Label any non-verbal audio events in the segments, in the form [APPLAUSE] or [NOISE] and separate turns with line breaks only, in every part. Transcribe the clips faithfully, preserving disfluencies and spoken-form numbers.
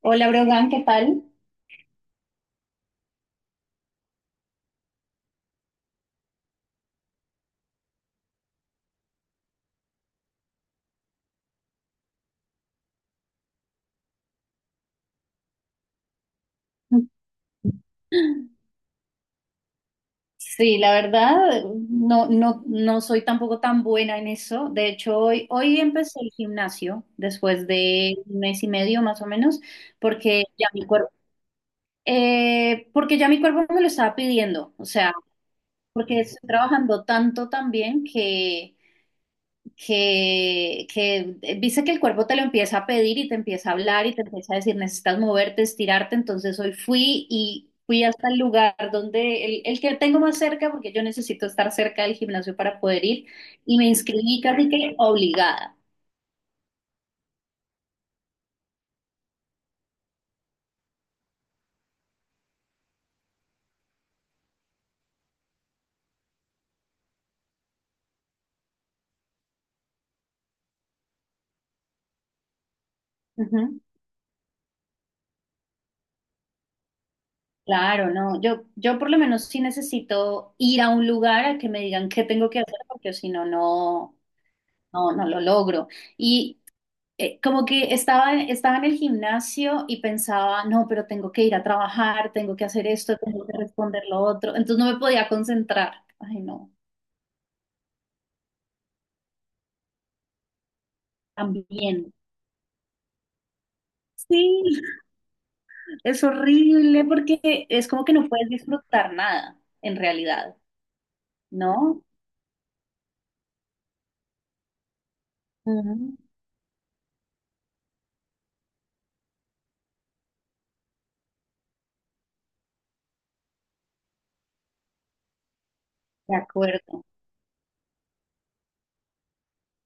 Hola, Brogan, ¿qué tal? Sí, la verdad, no, no, no soy tampoco tan buena en eso. De hecho, hoy, hoy empecé el gimnasio después de un mes y medio más o menos, porque ya mi cuerpo, eh, porque ya mi cuerpo me lo estaba pidiendo. O sea, porque estoy trabajando tanto también que que, que dice que el cuerpo te lo empieza a pedir y te empieza a hablar y te empieza a decir, necesitas moverte, estirarte. Entonces hoy fui y fui hasta el lugar donde el, el que tengo más cerca, porque yo necesito estar cerca del gimnasio para poder ir, y me inscribí casi que obligada. Ujú. Claro, no, yo, yo por lo menos sí necesito ir a un lugar a que me digan qué tengo que hacer, porque si no, no, no, no lo logro. Y eh, como que estaba, estaba en el gimnasio y pensaba, no, pero tengo que ir a trabajar, tengo que hacer esto, tengo que responder lo otro. Entonces no me podía concentrar. Ay, no, también. Sí, es horrible porque es como que no puedes disfrutar nada, en realidad, ¿no? Ujú. De acuerdo.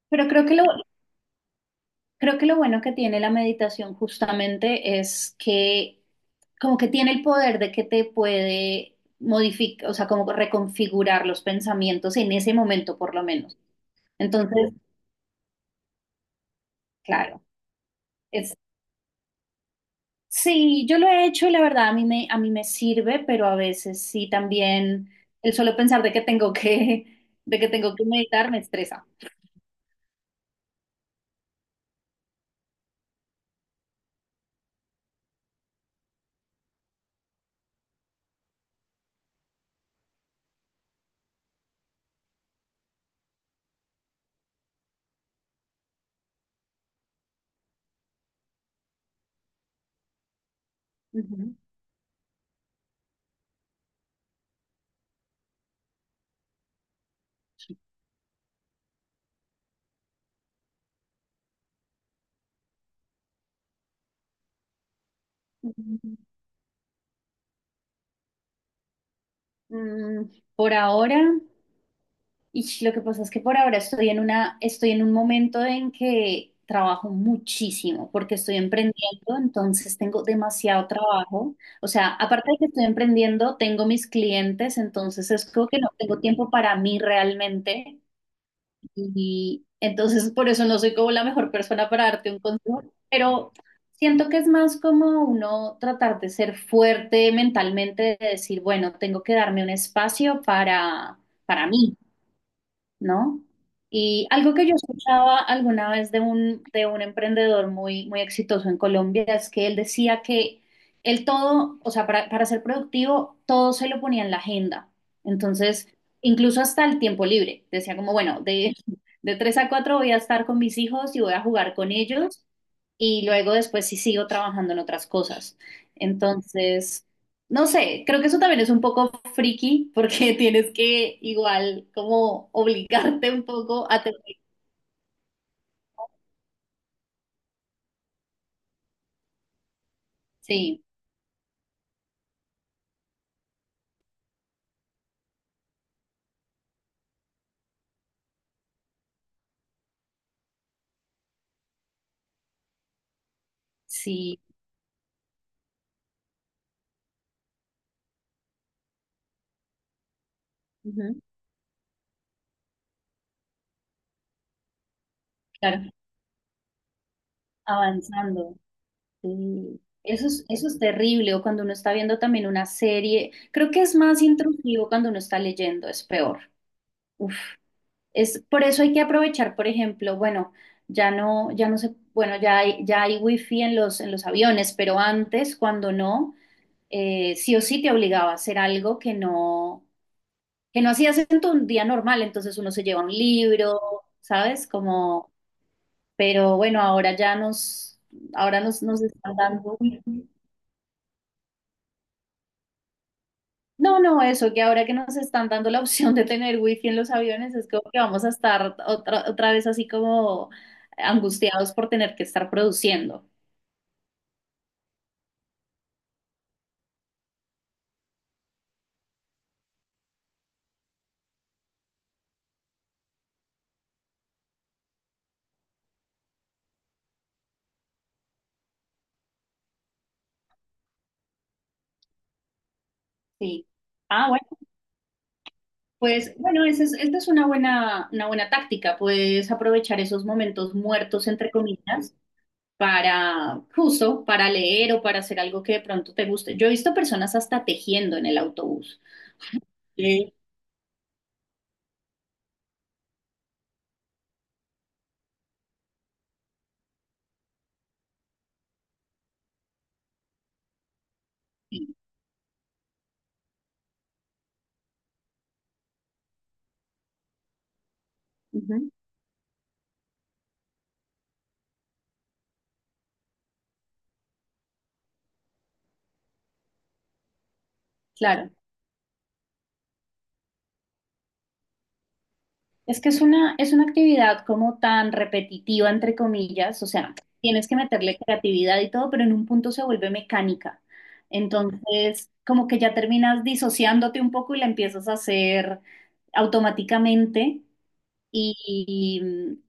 Pero creo que lo, Creo que lo bueno que tiene la meditación justamente es que como que tiene el poder de que te puede modificar, o sea, como reconfigurar los pensamientos en ese momento por lo menos. Entonces, claro, sí, yo lo he hecho y la verdad a mí me, a mí me sirve, pero a veces sí también el solo pensar de que tengo que, [LAUGHS] de que tengo que meditar me estresa. Ujú. Mm, por ahora. Y lo que pasa es que por ahora estoy en una, estoy en un momento en que trabajo muchísimo porque estoy emprendiendo, entonces tengo demasiado trabajo. O sea, aparte de que estoy emprendiendo, tengo mis clientes, entonces es como que no tengo tiempo para mí realmente. Y entonces por eso no soy como la mejor persona para darte un consejo, pero siento que es más como uno tratar de ser fuerte mentalmente, de decir, bueno, tengo que darme un espacio para, para mí. ¿No? Y algo que yo escuchaba alguna vez de un, de un emprendedor muy, muy exitoso en Colombia es que él decía que él todo, o sea, para, para ser productivo, todo se lo ponía en la agenda. Entonces, incluso hasta el tiempo libre. Decía como, bueno, de, [LAUGHS] de tres a cuatro voy a estar con mis hijos y voy a jugar con ellos y luego después sí sigo trabajando en otras cosas. Entonces, no sé, creo que eso también es un poco friki porque [LAUGHS] tienes que igual como obligarte un poco a... te- Sí, sí, ujú, claro, avanzando. Sí. Eso es, eso es terrible o cuando uno está viendo también una serie. Creo que es más intrusivo cuando uno está leyendo, es peor. Uf, es, por eso hay que aprovechar, por ejemplo, bueno, ya no, ya no se, bueno, ya hay, ya hay wifi en los, en los aviones, pero antes, cuando no... eh, sí o sí te obligaba a hacer algo que no, que no hacías en tu día normal, entonces uno se lleva un libro, ¿sabes? Como, pero bueno, ahora ya nos, ahora nos, nos están dando wifi. No, no, eso, que ahora que nos están dando la opción de tener wifi en los aviones, es como que vamos a estar otra, otra vez así como angustiados por tener que estar produciendo. Sí. Ah, bueno, pues bueno, esa es, esta es una buena, una buena táctica, puedes aprovechar esos momentos muertos, entre comillas, para justo, para leer o para hacer algo que de pronto te guste. Yo he visto personas hasta tejiendo en el autobús. Sí. Sí. Ujú. Claro, es que es una, es una actividad como tan repetitiva, entre comillas, o sea, tienes que meterle creatividad y todo, pero en un punto se vuelve mecánica. Entonces, como que ya terminas disociándote un poco y la empiezas a hacer automáticamente. Y,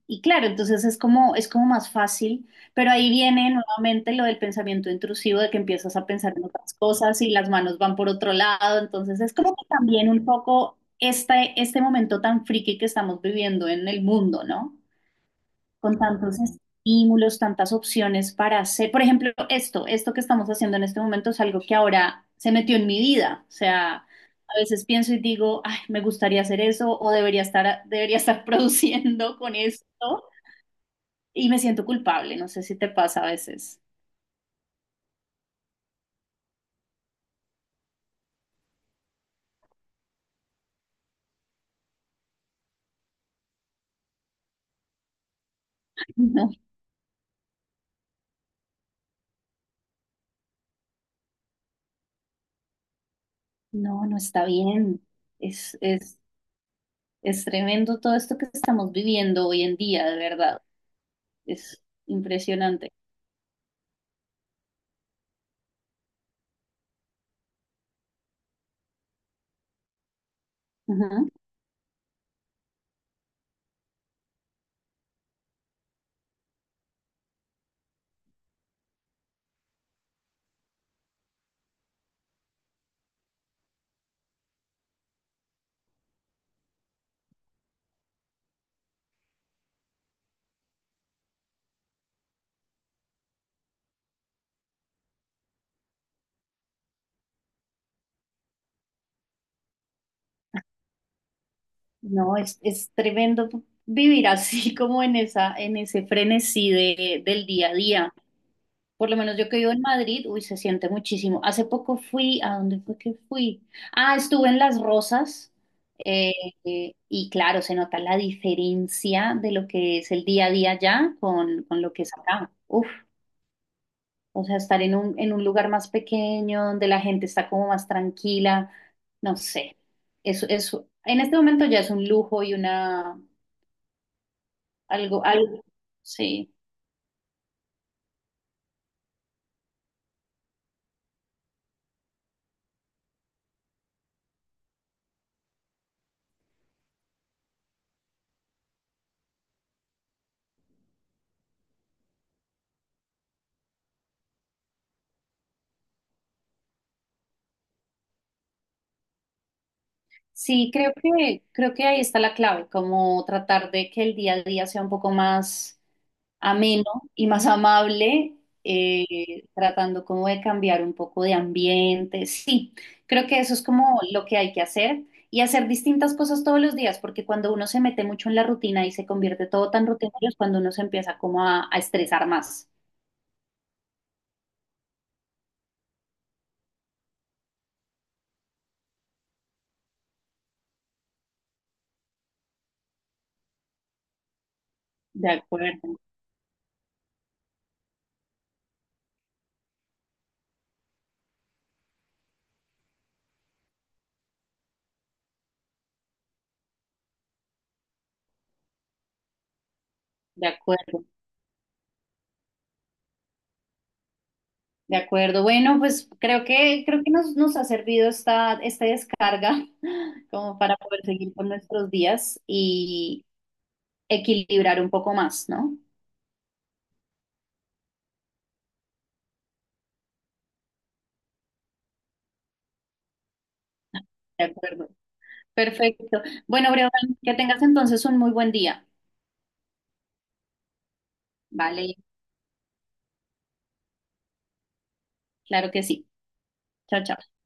y claro, entonces es como, es como más fácil, pero ahí viene nuevamente lo del pensamiento intrusivo, de que empiezas a pensar en otras cosas y las manos van por otro lado, entonces es como que también un poco este, este momento tan friki que estamos viviendo en el mundo, ¿no? Con tantos estímulos, tantas opciones para hacer. Por ejemplo, esto, esto que estamos haciendo en este momento es algo que ahora se metió en mi vida. O sea, a veces pienso y digo, ay, me gustaría hacer eso o debería estar, debería estar [LAUGHS] produciendo con esto y me siento culpable. No sé si te pasa a veces. No, no, no está bien. Es, es, es tremendo todo esto que estamos viviendo hoy en día, de verdad. Es impresionante. Ujú. No, es, es tremendo vivir así [LAUGHS] como en esa, en ese frenesí de, del día a día. Por lo menos yo que vivo en Madrid, uy, se siente muchísimo. Hace poco fui, ¿a dónde fue que fui? Ah, estuve en Las Rosas eh, eh, y claro, se nota la diferencia de lo que es el día a día allá con, con lo que es acá. Uf, o sea, estar en un, en un lugar más pequeño, donde la gente está como más tranquila, no sé. Eso, eso, en este momento ya es un lujo y una algo, algo, sí. Sí, creo que, creo que ahí está la clave, como tratar de que el día a día sea un poco más ameno y más amable, eh, tratando como de cambiar un poco de ambiente. Sí, creo que eso es como lo que hay que hacer y hacer distintas cosas todos los días, porque cuando uno se mete mucho en la rutina y se convierte todo tan rutinario es cuando uno se empieza como a, a estresar más. De acuerdo, de acuerdo. De acuerdo. Bueno, pues creo que creo que nos, nos ha servido esta, esta descarga [LAUGHS] como para poder seguir con nuestros días y equilibrar un poco más, ¿no? De acuerdo. Perfecto. Bueno, Breogán, que tengas entonces un muy buen día. Vale, claro que sí. Chao, chao.